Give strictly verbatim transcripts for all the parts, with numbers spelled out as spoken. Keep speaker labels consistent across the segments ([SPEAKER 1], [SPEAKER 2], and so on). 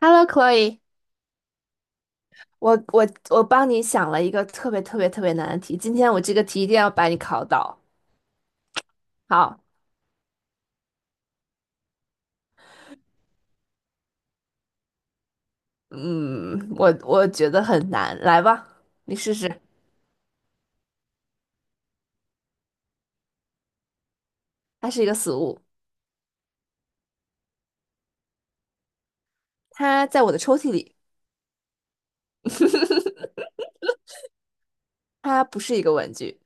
[SPEAKER 1] Hello, Chloe，我我我帮你想了一个特别特别特别难的题，今天我这个题一定要把你考倒。好，嗯，我我觉得很难，来吧，你试试。它是一个死物，它在我的抽屉里，它不是一个文具，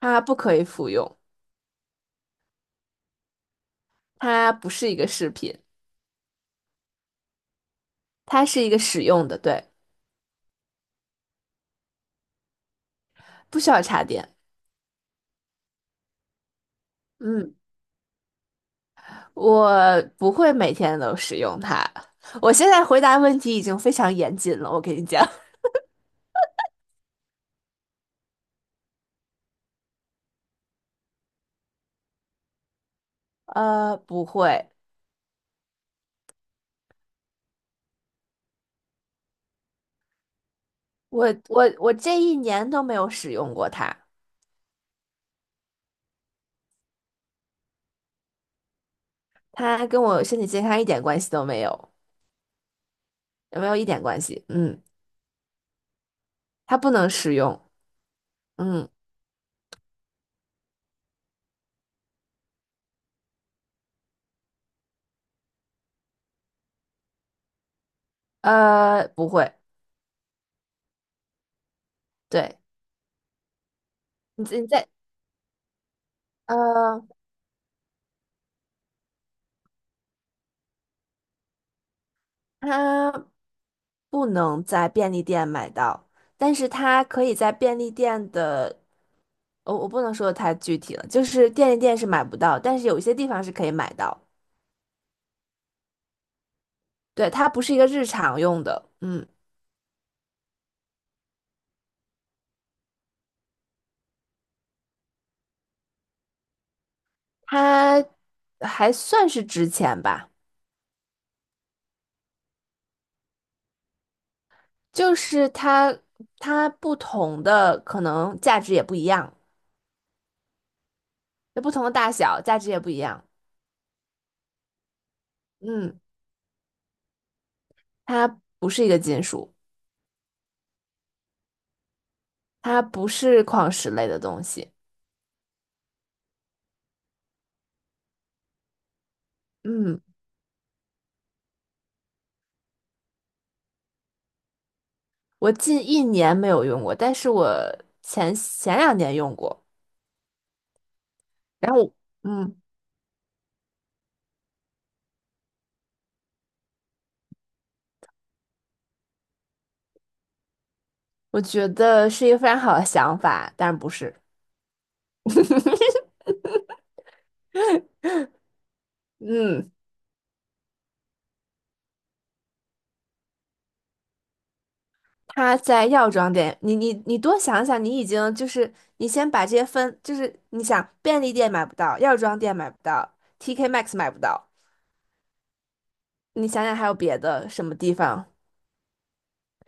[SPEAKER 1] 它不可以服用，它不是一个饰品，它是一个使用的，对，不需要插电。嗯，我不会每天都使用它。我现在回答问题已经非常严谨了，我跟你讲。呃，不会，我我我这一年都没有使用过它，它跟我身体健康一点关系都没有，有没有一点关系？嗯，它不能使用，嗯，呃，不会，对，你在你在呃，它不能在便利店买到，但是它可以在便利店的，我、我不能说的太具体了，就是便利店是买不到，但是有一些地方是可以买到，对，它不是一个日常用的，嗯，它还算是值钱吧。就是它它不同的可能价值也不一样，就不同的大小价值也不一样。嗯，它不是一个金属，它不是矿石类的东西。嗯，我近一年没有用过，但是我前前两年用过。然后我嗯，我觉得是一个非常好的想法，但是不是。嗯。他在药妆店，你你你多想想，你已经就是你先把这些分，就是你想便利店买不到，药妆店买不到，T K M A X 买不到，你想想还有别的什么地方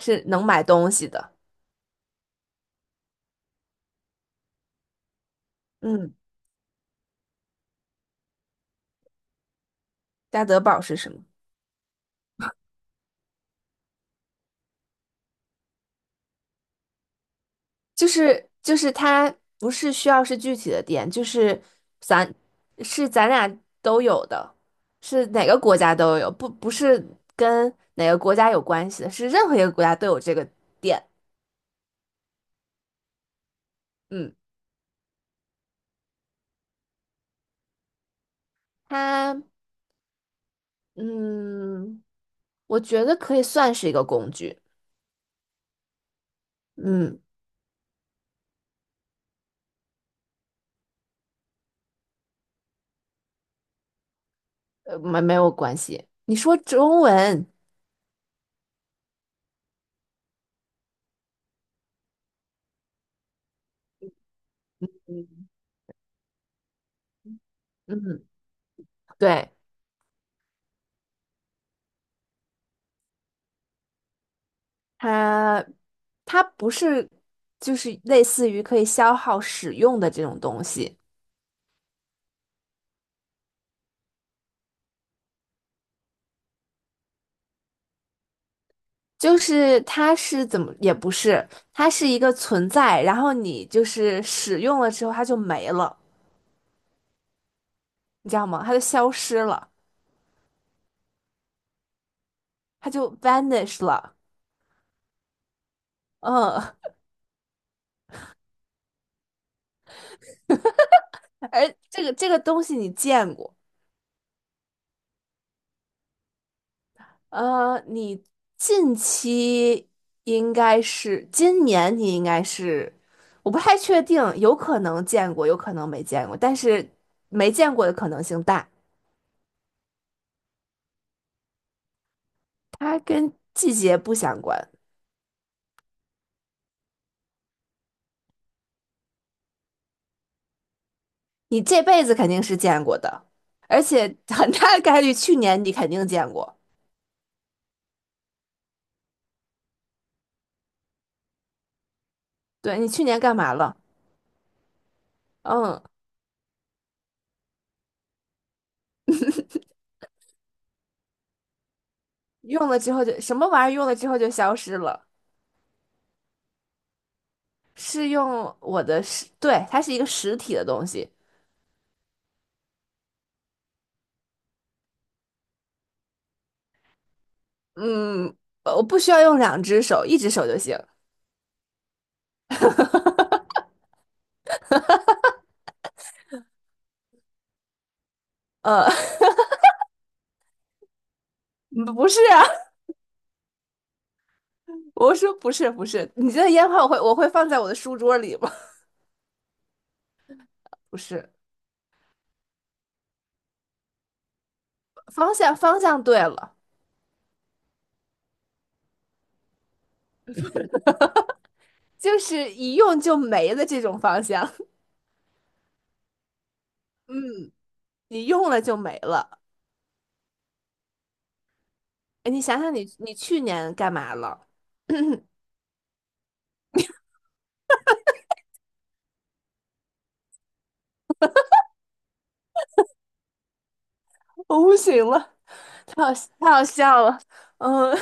[SPEAKER 1] 是能买东西的？嗯，家得宝是什么？就是就是它不是需要是具体的店，就是咱是咱俩都有的，是哪个国家都有，不不是跟哪个国家有关系的，是任何一个国家都有这个店。嗯，它。嗯，我觉得可以算是一个工具。嗯，呃，没没有关系。你说中文，嗯，对，它它不是就是类似于可以消耗使用的这种东西，就是它是怎么也不是，它是一个存在，然后你就是使用了之后它就没了，你知道吗？它就消失了，它就 vanish 了。嗯，而这个这个东西你见过？呃，你近期应该是今年，你应该是，我不太确定，有可能见过，有可能没见过，但是没见过的可能性大。它跟季节不相关，你这辈子肯定是见过的，而且 很大的概率去年你肯定见过。对，你去年干嘛了？嗯，用了之后就什么玩意儿用了之后就消失了，是用我的实，对，它是一个实体的东西。嗯，呃我不需要用两只手，一只手就行。呃，不是啊，我说不是不是，你这个烟花我会我会放在我的书桌里吗？不是，方向方向对了，就是一用就没了这种方向，你用了就没了。哎，你想想你你去年干嘛了？我不行了，太好太好笑了。嗯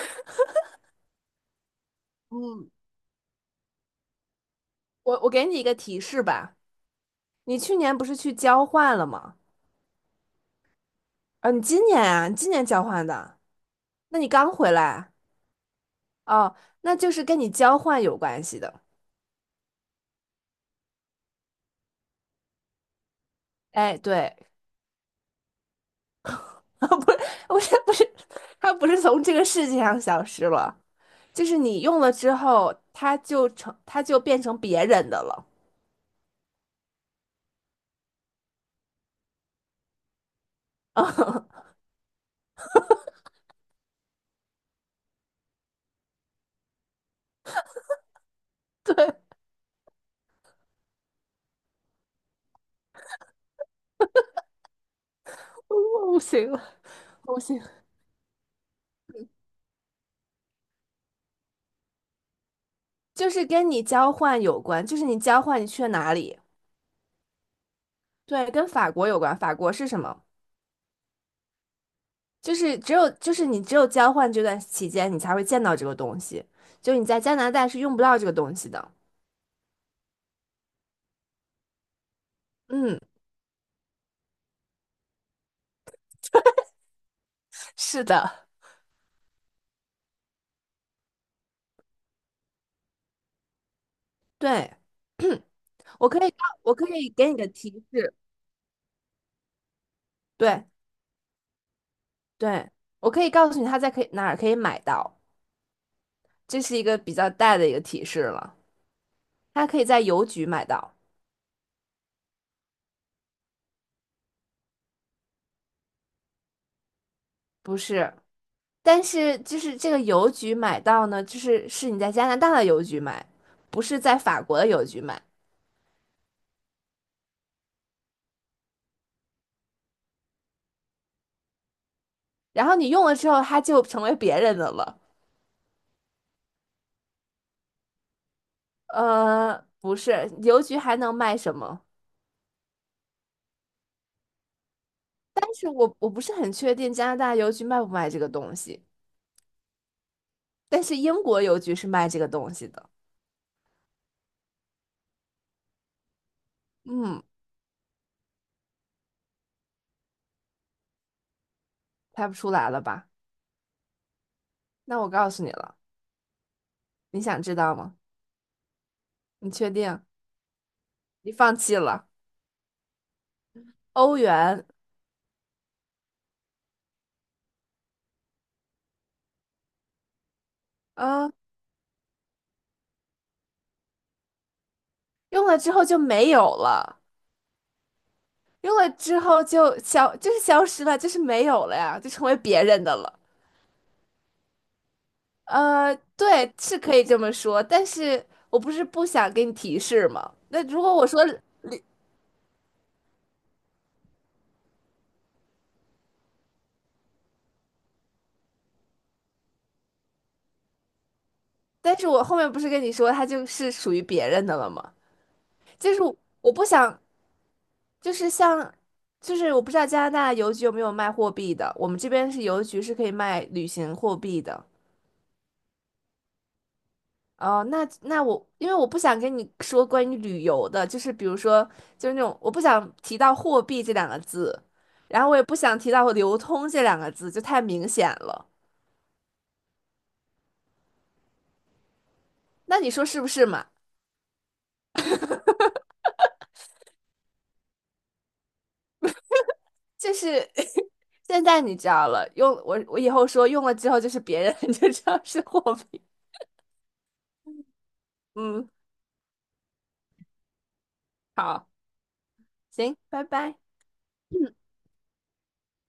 [SPEAKER 1] 嗯，我我给你一个提示吧，你去年不是去交换了吗？啊，你今年啊，你今年交换的，那你刚回来。哦，那就是跟你交换有关系的。哎，对，不是，不是，不是，它不是从这个世界上消失了，就是你用了之后，它就成，它就变成别人的了。我不行了，我不行了。就是跟你交换有关，就是你交换你去了哪里？对，跟法国有关。法国是什么？就是只有就是你只有交换这段期间，你才会见到这个东西。就你在加拿大是用不到这个东西的。嗯，是的，对。我可以告，我可以给你个提示，对对，我可以告诉你他在可以哪儿可以买到，这是一个比较大的一个提示了。他可以在邮局买到，不是，但是就是这个邮局买到呢，就是是你在加拿大的邮局买，不是在法国的邮局买。然后你用了之后，它就成为别人的了。呃，不是，邮局还能卖什么？但是我我不是很确定加拿大邮局卖不卖这个东西，但是英国邮局是卖这个东西的。嗯。猜不出来了吧？那我告诉你了，你想知道吗？你确定？你放弃了？欧元，啊，用了之后就没有了，用了之后就消，就是消失了，就是没有了呀，就成为别人的了。呃，对，是可以这么说，但是我不是不想给你提示吗？那如果我说，但是我后面不是跟你说它就是属于别人的了吗？就是我不想，就是像，就是我不知道加拿大邮局有没有卖货币的，我们这边是邮局是可以卖旅行货币的。哦，那那我因为我不想跟你说关于旅游的，就是比如说就是那种我不想提到货币这两个字，然后我也不想提到流通这两个字，就太明显了。那你说是不是嘛？就是 现在你知道了，用我我以后说用了之后就是别人 就知道是货币。嗯，好，行，拜拜。